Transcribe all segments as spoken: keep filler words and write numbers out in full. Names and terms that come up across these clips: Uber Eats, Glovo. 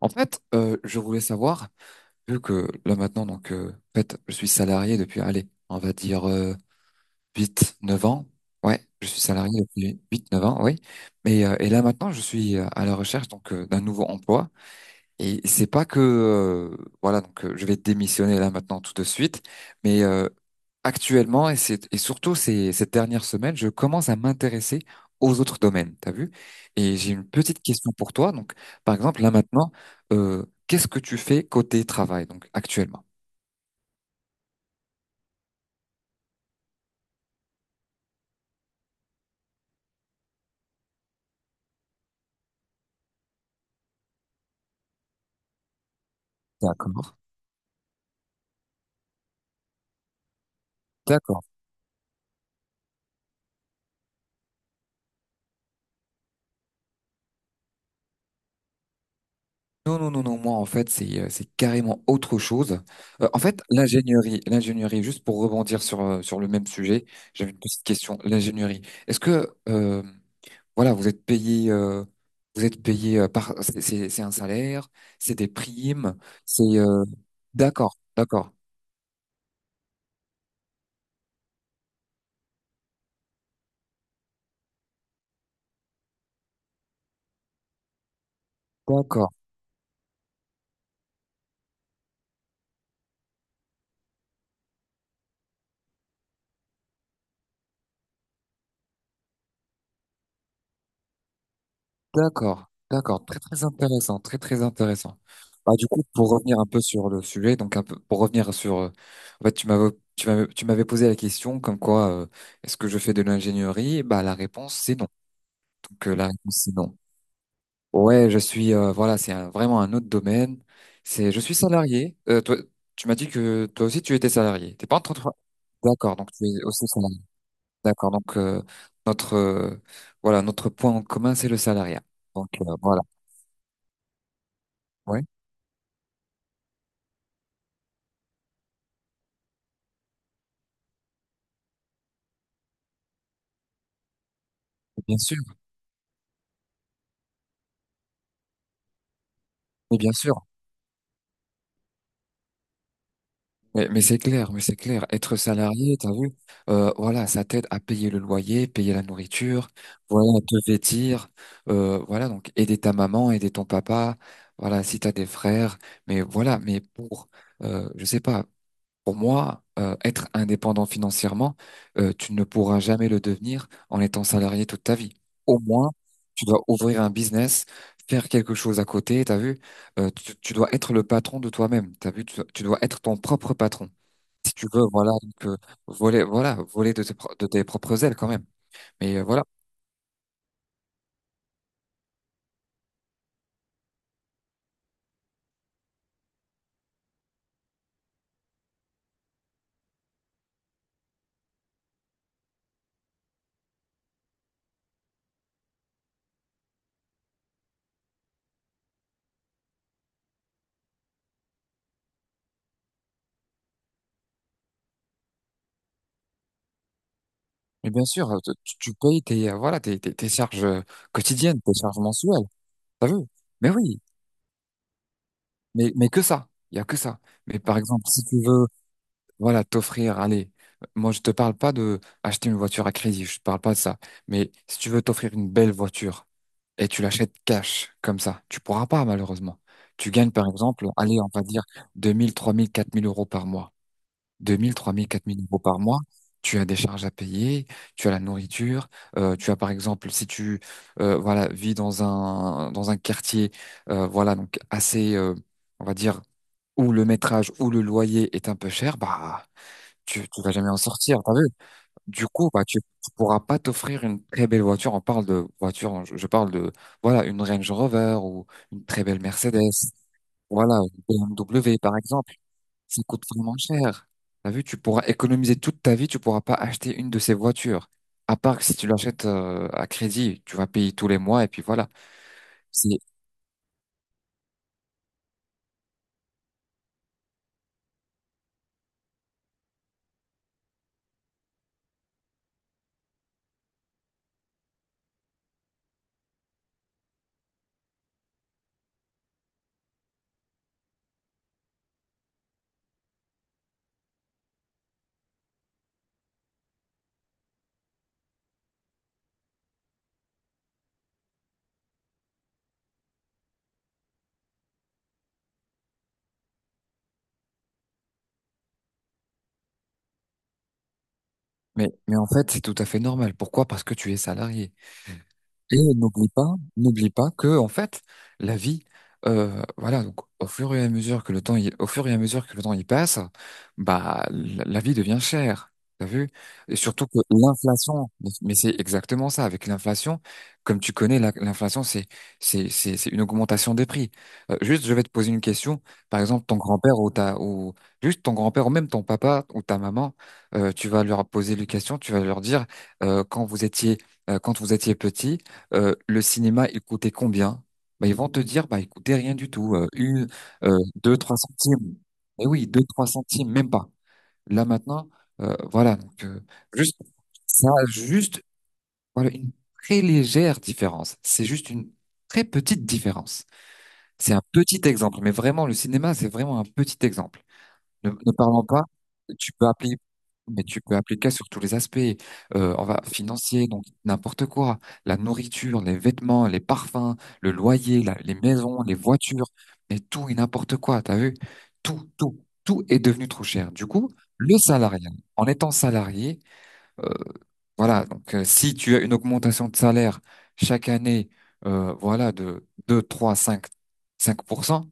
En fait, euh, je voulais savoir, vu que là maintenant, donc, euh, en fait, je suis salarié depuis, allez, on va dire euh, huit, neuf ans. Ouais, je suis salarié depuis huit neuf ans, oui. Mais, euh, et là maintenant, je suis euh, à la recherche donc euh, d'un nouveau emploi. Et c'est pas que euh, voilà donc euh, je vais démissionner là maintenant tout de suite, mais euh, actuellement et c'est et surtout ces cette dernière semaine, je commence à m'intéresser aux autres domaines, t'as vu? Et j'ai une petite question pour toi. Donc par exemple là maintenant, euh, qu'est-ce que tu fais côté travail donc actuellement? D'accord. D'accord. Non, non, non, non, moi en fait c'est euh, c'est carrément autre chose. Euh, en fait l'ingénierie, l'ingénierie, juste pour rebondir sur, euh, sur le même sujet, j'avais une petite question. L'ingénierie, est-ce que euh, voilà vous êtes payé euh, vous êtes payé euh, par c'est c'est- c'est un salaire, c'est des primes, c'est euh, d'accord, d'accord, d'accord. D'accord, d'accord, très très intéressant, très très intéressant. Bah, du coup, pour revenir un peu sur le sujet, donc un peu, pour revenir sur, euh, en fait, tu m'avais, tu m'avais, tu m'avais posé la question comme quoi, euh, est-ce que je fais de l'ingénierie? Bah, la réponse c'est non. Donc euh, la réponse c'est non. Ouais, je suis, euh, voilà, c'est un- vraiment un autre domaine. C'est, je suis salarié. Euh, toi, tu m'as dit que toi aussi tu étais salarié. T'es pas entrepreneur. D'accord, donc tu es aussi salarié. D'accord, donc euh, notre, euh, voilà, notre point en commun c'est le salariat. Donc euh, voilà. Ouais, bien sûr. Mais bien sûr, mais, mais c'est clair, mais c'est clair. Être salarié, t'as vu, euh, voilà, ça t'aide à payer le loyer, payer la nourriture, voilà, te vêtir, euh, voilà, donc aider ta maman, aider ton papa, voilà, si t'as des frères, mais voilà, mais pour, euh, je sais pas, pour moi, euh, être indépendant financièrement, euh, tu ne pourras jamais le devenir en étant salarié toute ta vie. Au moins, tu dois ouvrir un business, faire quelque chose à côté, t'as vu? Euh, tu, tu dois être le patron de toi-même, t'as vu? Tu, dois tu dois être ton propre patron. Si tu veux, voilà, donc, euh, voler, voilà, voler de tes, pro- de tes propres ailes quand même. Mais euh, voilà. Mais bien sûr, euh, tu, tu payes tes, euh, voilà, tes, tes, tes charges euh, quotidiennes, tes charges mensuelles, t'as vu? Mais oui, mais, mais que ça. Il y a que ça. Mais par exemple, si tu veux voilà, t'offrir, allez, moi je te parle pas de acheter une voiture à crédit, je te parle pas de ça. Mais si tu veux t'offrir une belle voiture et tu l'achètes cash, comme ça, tu pourras pas malheureusement. Tu gagnes par exemple, allez, on va dire deux mille, trois mille, quatre mille euros par mois. deux mille, trois mille, quatre mille euros par mois. Tu as des charges à payer, tu as la nourriture, euh, tu as par exemple, si tu euh, voilà, vis dans un dans un quartier, euh, voilà, donc assez, euh, on va dire, où le métrage ou le loyer est un peu cher, bah tu, tu vas jamais en sortir, t'as vu? Du coup, bah, tu, tu pourras pas t'offrir une très belle voiture. On parle de voiture, je, je parle de, voilà, une Range Rover ou une très belle Mercedes. Voilà, une B M W, par exemple. Ça coûte vraiment cher. T'as vu, tu pourras économiser toute ta vie, tu pourras pas acheter une de ces voitures. À part que si tu l'achètes, euh, à crédit, tu vas payer tous les mois et puis voilà. C'est, mais, mais en fait, c'est tout à fait normal. Pourquoi? Parce que tu es salarié. Et n'oublie pas, n'oublie pas que en fait, la vie, euh, voilà, donc au fur et à mesure que le temps, il- au fur et à mesure que le temps y passe, bah la, la vie devient chère. T'as vu? Et surtout que l'inflation, mais c'est exactement ça. Avec l'inflation, comme tu connais, la- l'inflation, c'est c'est c'est c'est une augmentation des prix. Euh, juste, je vais te poser une question. Par exemple, ton grand-père ou ta ou juste ton grand-père ou même ton papa ou ta maman, euh, tu vas leur poser une question. Tu vas leur dire euh, quand vous étiez euh, quand vous étiez petit, euh, le cinéma, il coûtait combien? Bah, ils vont te dire, bah, il coûtait rien du tout, euh, une, euh, deux, trois centimes. Eh oui, deux, trois centimes, même pas. Là maintenant, euh, voilà, donc, euh, juste ça, a juste voilà une très légère différence. C'est juste une très petite différence. C'est un petit exemple, mais vraiment, le cinéma, c'est vraiment un petit exemple. Ne, ne parlons pas, tu peux appeler, mais tu peux appliquer sur tous les aspects, euh, on va, financier, donc n'importe quoi, la nourriture, les vêtements, les parfums, le loyer, la- les maisons, les voitures, mais tout et n'importe quoi, t'as vu? Tout, tout, tout est devenu trop cher. Du coup, le salarié, en étant salarié, euh, voilà, donc euh, si tu as une augmentation de salaire chaque année, euh, voilà, de deux, trois, cinq, cinq pour cent.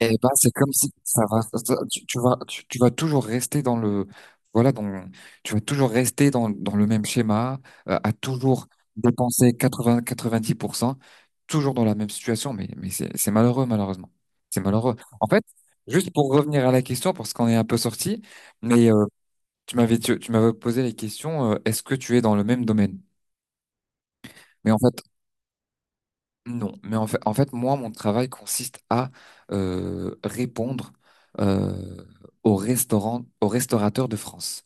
Eh ben, c'est comme si ça va, ça- tu, tu vas, tu, tu vas toujours rester dans le, voilà, dans, tu vas toujours rester dans, dans le même schéma, euh, à toujours dépenser quatre-vingts, quatre-vingt-dix pour cent, toujours dans la même situation, mais, mais c'est, c'est malheureux, malheureusement. C'est malheureux. En fait, juste pour revenir à la question, parce qu'on est un peu sorti, mais, euh, tu m'avais, tu, tu m'avais posé la question, euh, est-ce que tu es dans le même domaine? Mais en fait, non, mais en fait, en fait, moi, mon travail consiste à euh, répondre euh, aux restaurants, aux restaurateurs de France.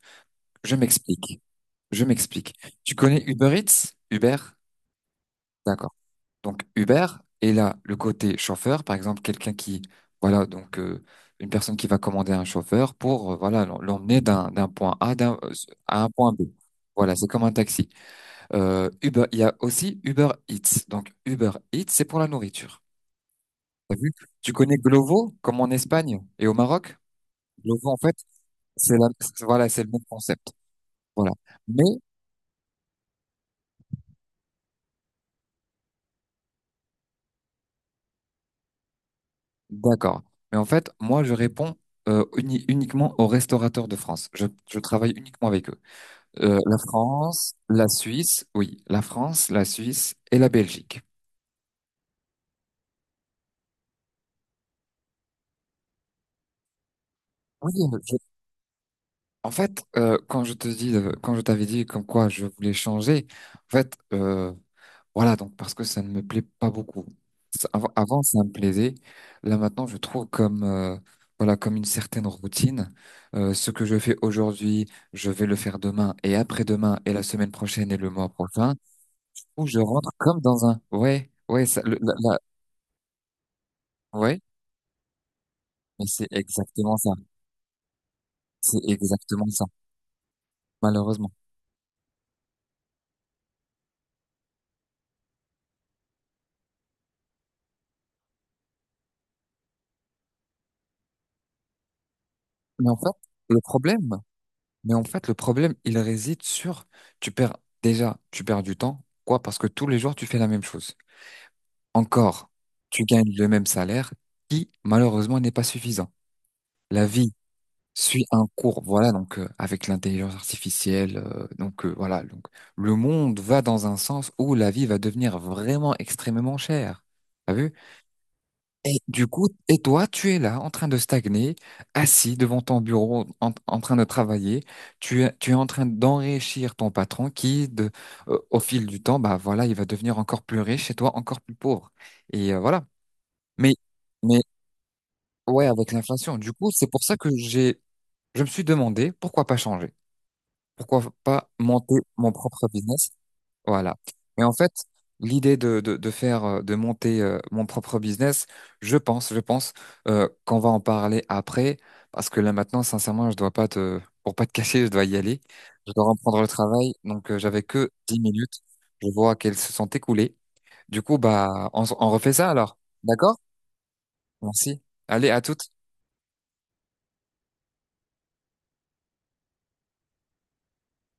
Je m'explique. Je m'explique. Tu connais Uber Eats? Uber? D'accord. Donc Uber est là le côté chauffeur, par exemple, quelqu'un qui, voilà, donc euh, une personne qui va commander un chauffeur pour, euh, voilà, l'em- l'emmener d'un d'un point A d'un- euh, à un point B. Voilà, c'est comme un taxi. Euh, Uber, il y a aussi Uber Eats. Donc Uber Eats, c'est pour la nourriture. T'as vu? Tu connais Glovo, comme en Espagne et au Maroc? Glovo, en fait, c'est la, c'est- voilà, c'est le même concept. Voilà. Mais, d'accord. Mais en fait, moi, je réponds euh, uni- uniquement aux restaurateurs de France. Je, je travaille uniquement avec eux. Euh, la France, la Suisse, oui, la France, la Suisse et la Belgique. Oui, euh, je- en fait, euh, quand je te dis, euh, quand je t'avais dit comme quoi je voulais changer, en fait, euh, voilà, donc parce que ça ne me plaît pas beaucoup. Ça- Avant, avant, ça me plaisait. Là, maintenant, je trouve comme, euh, voilà, comme une certaine routine. Euh, ce que je fais aujourd'hui, je vais le faire demain et après-demain et la semaine prochaine et le mois prochain, où je rentre comme dans un. Ouais, ouais, ça, le- la, la- ouais, mais c'est exactement ça. C'est exactement ça, malheureusement. Mais en fait, le problème, mais en fait, le problème, il réside sur, tu perds déjà, tu perds du temps. Quoi? Parce que tous les jours, tu fais la même chose. Encore, tu gagnes le même salaire qui, malheureusement, n'est pas suffisant. La vie suit un cours, voilà, donc euh, avec l'intelligence artificielle, euh, donc euh, voilà, donc le monde va dans un sens où la vie va devenir vraiment extrêmement chère. T'as vu? Et du coup, et toi, tu es là en train de stagner, assis devant ton bureau, en, en train de travailler. Tu es, tu es en train d'enrichir ton patron qui, de, euh, au fil du temps, bah voilà, il va devenir encore plus riche et toi encore plus pauvre. Et euh, voilà. Mais, mais ouais, avec l'inflation. Du coup, c'est pour ça que j'ai, je me suis demandé pourquoi pas changer, pourquoi pas monter mon propre business. Voilà. Et en fait, l'idée de, de, de faire, euh, de monter euh, mon propre business, je pense, je pense euh, qu'on va en parler après, parce que là maintenant, sincèrement, je dois pas te, pour pas te cacher, je dois y aller. Je dois reprendre le travail, donc euh, j'avais que dix minutes. Je vois qu'elles se sont écoulées. Du coup, bah, on, s- on refait ça alors. D'accord? Merci. Allez, à toutes.